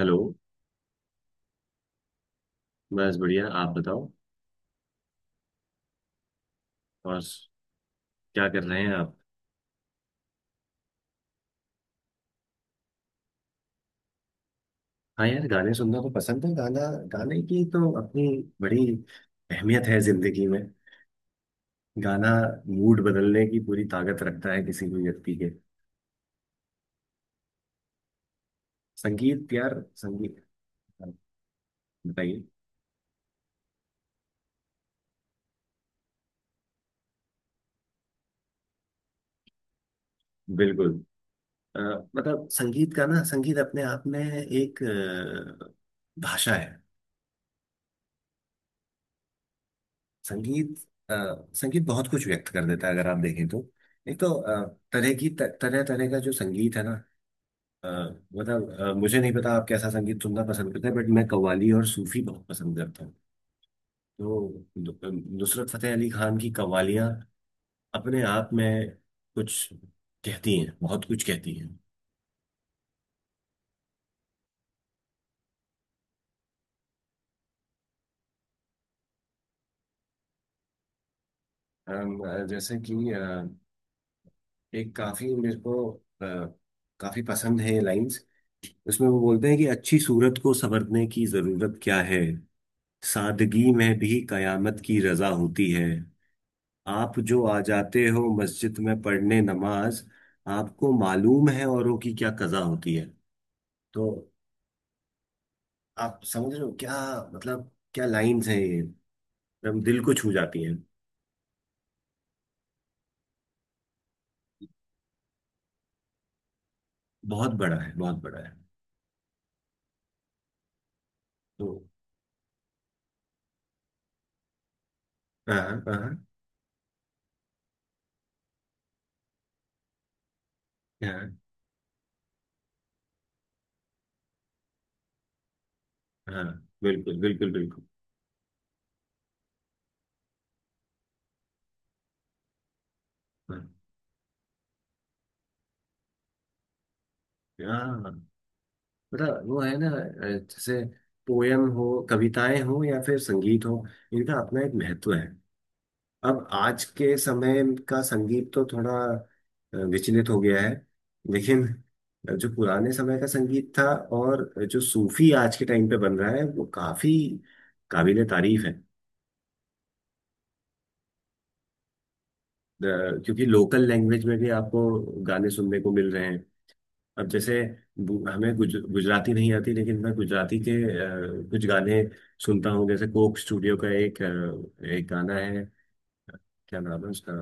Hello. बस बढ़िया, आप बताओ। और क्या कर रहे हैं आप। हाँ यार, गाने सुनना तो पसंद है। गाना, गाने की तो अपनी बड़ी अहमियत है जिंदगी में। गाना मूड बदलने की पूरी ताकत रखता है किसी भी व्यक्ति के। संगीत यार, संगीत। हाँ, बताइए। बिल्कुल। अ, मतलब संगीत का ना, संगीत अपने आप में एक भाषा है। संगीत, संगीत बहुत कुछ व्यक्त कर देता है अगर आप देखें तो। एक तो तरह तरह का जो संगीत है ना। अ, मतलब, मुझे नहीं पता आप कैसा संगीत सुनना पसंद करते हैं, बट मैं कव्वाली और सूफी बहुत पसंद करता हूँ। तो नुसरत फतेह अली खान की कव्वालियाँ अपने आप में कुछ कहती हैं, बहुत कुछ कहती हैं। जैसे कि एक काफी मेरे को अ, काफी पसंद है लाइंस। उसमें वो बोलते हैं कि अच्छी सूरत को संवरने की जरूरत क्या है, सादगी में भी कयामत की रजा होती है। आप जो आ जाते हो मस्जिद में पढ़ने नमाज, आपको मालूम है औरों की क्या कजा होती है। तो आप समझ रहे हो क्या? मतलब क्या लाइंस हैं ये, एकदम दिल को छू जाती हैं। बहुत बड़ा है, बहुत बड़ा है। तो। हाँ। हाँ। हाँ। हाँ। बिल्कुल बिल्कुल बिल्कुल। हाँ। हाँ, मतलब वो है ना, जैसे पोयम हो, कविताएं हो, या फिर संगीत हो। इनका अपना एक महत्व है। अब आज के समय का संगीत तो थोड़ा विचलित हो गया है। लेकिन जो पुराने समय का संगीत था, और जो सूफी आज के टाइम पे बन रहा है, वो काफी काबिले तारीफ है। क्योंकि लोकल लैंग्वेज में भी आपको गाने सुनने को मिल रहे हैं। अब जैसे, हमें गुजराती नहीं आती, लेकिन मैं गुजराती के कुछ गाने सुनता हूँ। जैसे कोक स्टूडियो का एक गाना है, क्या नाम है उसका।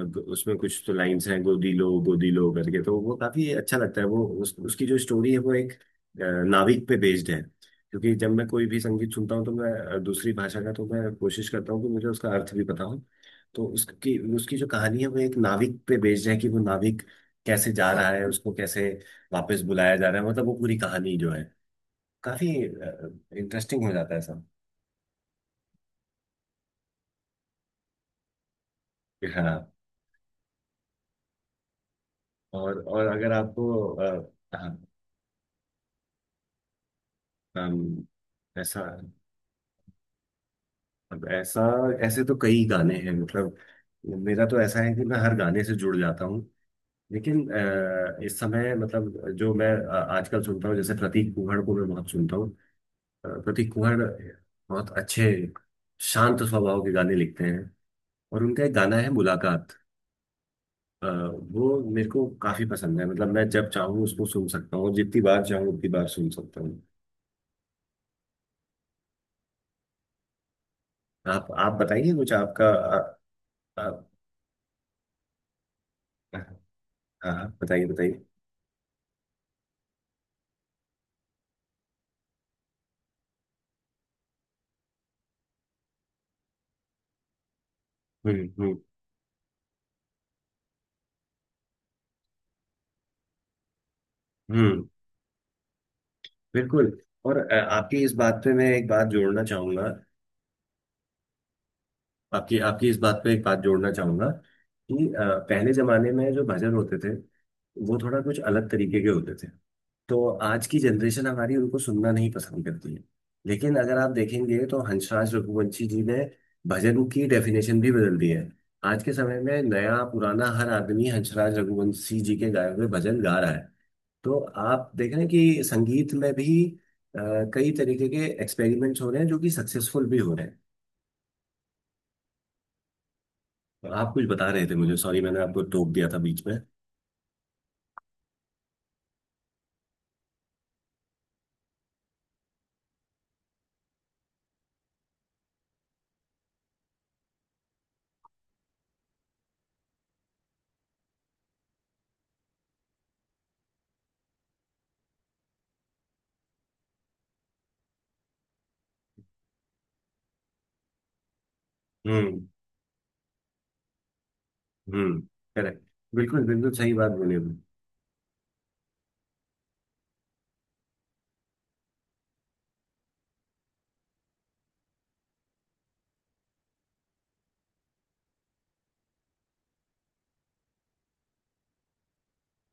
अब उसमें कुछ तो लाइंस हैं, गोदी लो करके, तो वो काफी अच्छा लगता है। वो उसकी जो स्टोरी है वो एक नाविक पे बेस्ड है। क्योंकि जब मैं कोई भी संगीत सुनता हूँ तो मैं, दूसरी भाषा का तो मैं कोशिश करता हूँ कि मुझे उसका अर्थ भी पता हो। तो उसकी उसकी जो कहानी है वो एक नाविक पे बेस्ड है, कि वो नाविक कैसे जा रहा है, उसको कैसे वापस बुलाया जा रहा है, मतलब वो पूरी कहानी जो है काफी इंटरेस्टिंग हो जाता है सब। हाँ। और अगर आपको हाँ, अम, ऐसा अब ऐसा ऐसे तो कई गाने हैं, मतलब मेरा तो ऐसा है कि मैं हर गाने से जुड़ जाता हूँ। लेकिन इस समय मतलब जो मैं आजकल सुनता हूँ, जैसे प्रतीक कुहड़ को मैं बहुत सुनता हूँ। प्रतीक कुहड़ बहुत अच्छे शांत स्वभाव के गाने लिखते हैं। और उनका एक गाना है मुलाकात, अ, वो मेरे को काफी पसंद है, मतलब मैं जब चाहूँ उसको सुन सकता हूँ, जितनी बार चाहूँ उतनी बार सुन सकता हूँ। आप बताइए कुछ आपका आ, हाँ। हाँ, बताइए बताइए। हम्म। हम्म। हम्म। बिल्कुल। और आपकी इस बात पे मैं एक बात जोड़ना चाहूंगा। आपकी आपकी इस बात पे एक बात जोड़ना चाहूंगा। कि पहले जमाने में जो भजन होते थे वो थोड़ा कुछ अलग तरीके के होते थे। तो आज की जनरेशन हमारी उनको सुनना नहीं पसंद करती है। लेकिन अगर आप देखेंगे तो हंसराज रघुवंशी जी ने भजन की डेफिनेशन भी बदल दी है। आज के समय में नया पुराना हर आदमी हंसराज रघुवंशी जी के गाए हुए भजन गा रहा है। तो आप देख रहे हैं कि संगीत में भी अ, कई तरीके के एक्सपेरिमेंट्स हो रहे हैं, जो कि सक्सेसफुल भी हो रहे हैं। तो आप कुछ बता रहे थे मुझे, सॉरी मैंने आपको टोक दिया था बीच में। हम्म। हम्म। करेक्ट। बिल्कुल बिल्कुल, सही बात बोले आप।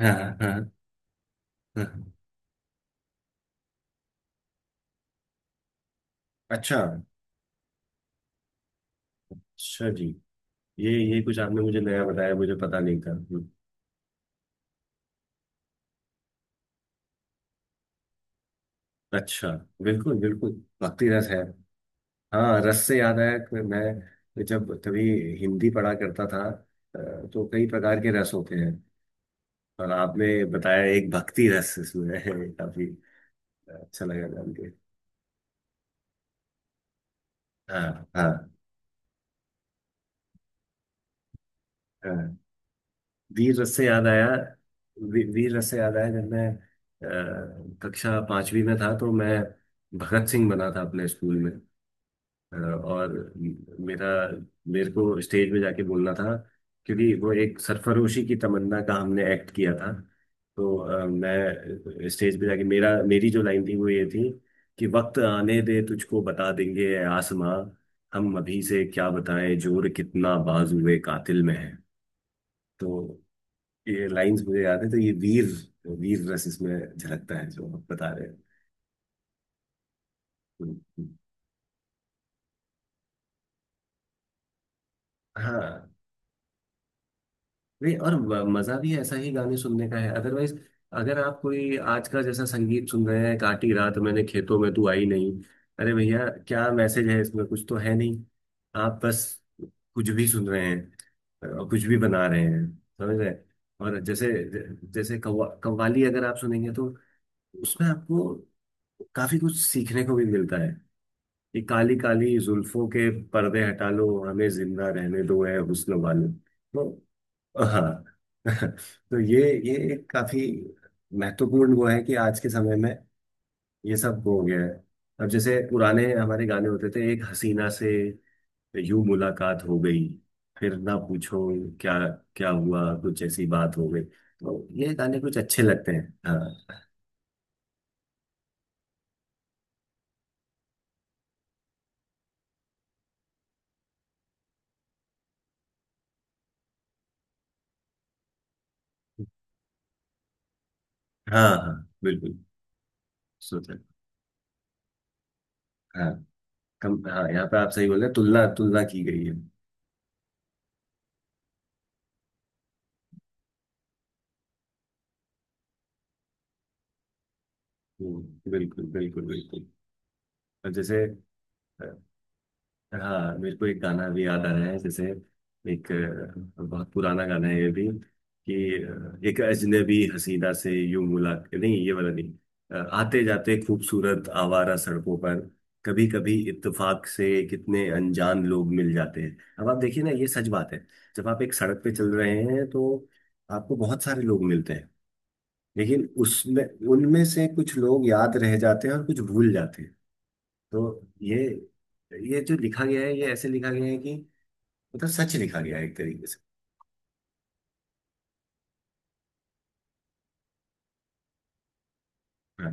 हाँ। हाँ। हाँ। अच्छा। अच्छा जी। ये कुछ आपने मुझे नया बताया, मुझे पता नहीं था। अच्छा। बिल्कुल बिल्कुल, भक्ति रस है। हाँ, रस से याद आया कि मैं जब कभी हिंदी पढ़ा करता था, तो कई प्रकार के रस होते हैं। और आपने बताया एक भक्ति रस इसमें है, काफी अच्छा लगा जान के। हाँ। हाँ। हाँ। वीर रस से याद आया। वीर रस से याद आया, जब मैं कक्षा पांचवी में था तो मैं भगत सिंह बना था अपने स्कूल में। और मेरा मेरे को स्टेज पे जाके बोलना था, क्योंकि वो एक सरफरोशी की तमन्ना का हमने एक्ट किया था। तो मैं स्टेज पे जाके, मेरा मेरी जो लाइन थी वो ये थी कि, वक्त आने दे तुझको बता देंगे ए आसमां, हम अभी से क्या बताएं जोर कितना बाजुए कातिल में है। तो ये लाइंस मुझे याद है, तो ये वीर वीर रस इसमें झलकता है, जो आप बता रहे हैं। तो, हाँ। नहीं, और मजा भी ऐसा ही गाने सुनने का है अदरवाइज। अगर आप कोई आज का जैसा संगीत सुन रहे हैं, काटी रात मैंने खेतों में तू आई नहीं, अरे भैया क्या मैसेज है इसमें, कुछ तो है नहीं। आप बस कुछ भी सुन रहे हैं और कुछ भी बना रहे हैं, समझ रहे हैं। और जैसे, जैसे कव्वाली अगर आप सुनेंगे तो उसमें आपको काफी कुछ सीखने को भी मिलता है, कि काली काली जुल्फों के पर्दे हटा लो, हमें जिंदा रहने दो है हुस्न वालों। हाँ। तो ये एक काफी महत्वपूर्ण वो है कि आज के समय में ये सब हो गया है। अब जैसे पुराने हमारे गाने होते थे, एक हसीना से यूं मुलाकात हो गई, फिर ना पूछो क्या, क्या हुआ कुछ ऐसी बात हो गई, तो ये गाने कुछ अच्छे लगते हैं, हाँ। हाँ। हाँ। बिल्कुल। सोचा। हाँ, कम हाँ, यहाँ पे आप सही बोल रहे हैं, तुलना तुलना की गई है। बिल्कुल बिल्कुल बिल्कुल। और जैसे, हाँ मेरे को एक गाना भी याद आ रहा है, जैसे एक बहुत पुराना गाना है ये भी, कि एक अजनबी हसीना से यूं मुलाकात, नहीं ये वाला नहीं। आते जाते खूबसूरत आवारा सड़कों पर, कभी कभी इत्तेफाक से कितने अनजान लोग मिल जाते हैं। अब आप देखिए ना, ये सच बात है। जब आप एक सड़क पे चल रहे हैं तो आपको बहुत सारे लोग मिलते हैं। लेकिन उसमें, उनमें से कुछ लोग याद रह जाते हैं और कुछ भूल जाते हैं। तो ये, जो लिखा गया है, ये ऐसे लिखा गया है कि मतलब सच लिखा गया है एक तरीके से। हाँ।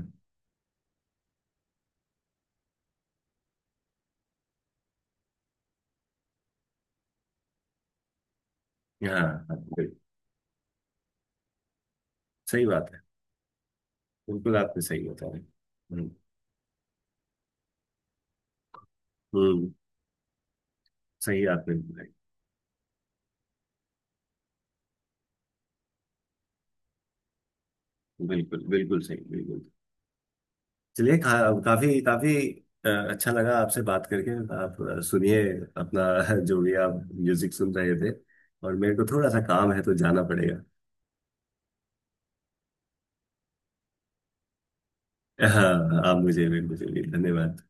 हाँ। हाँ, बिल्कुल, सही बात है। बिल्कुल आपने सही बता रहे हैं। हम्म। हम्म, सही आपने बताई। बिल्कुल बिल्कुल सही बिल्कुल। चलिए, काफी काफी अच्छा लगा आपसे बात करके। आप सुनिए अपना, जो भी आप म्यूजिक सुन रहे थे, और मेरे को थोड़ा सा काम है तो जाना पड़ेगा। हाँ, आप मुझे भी धन्यवाद।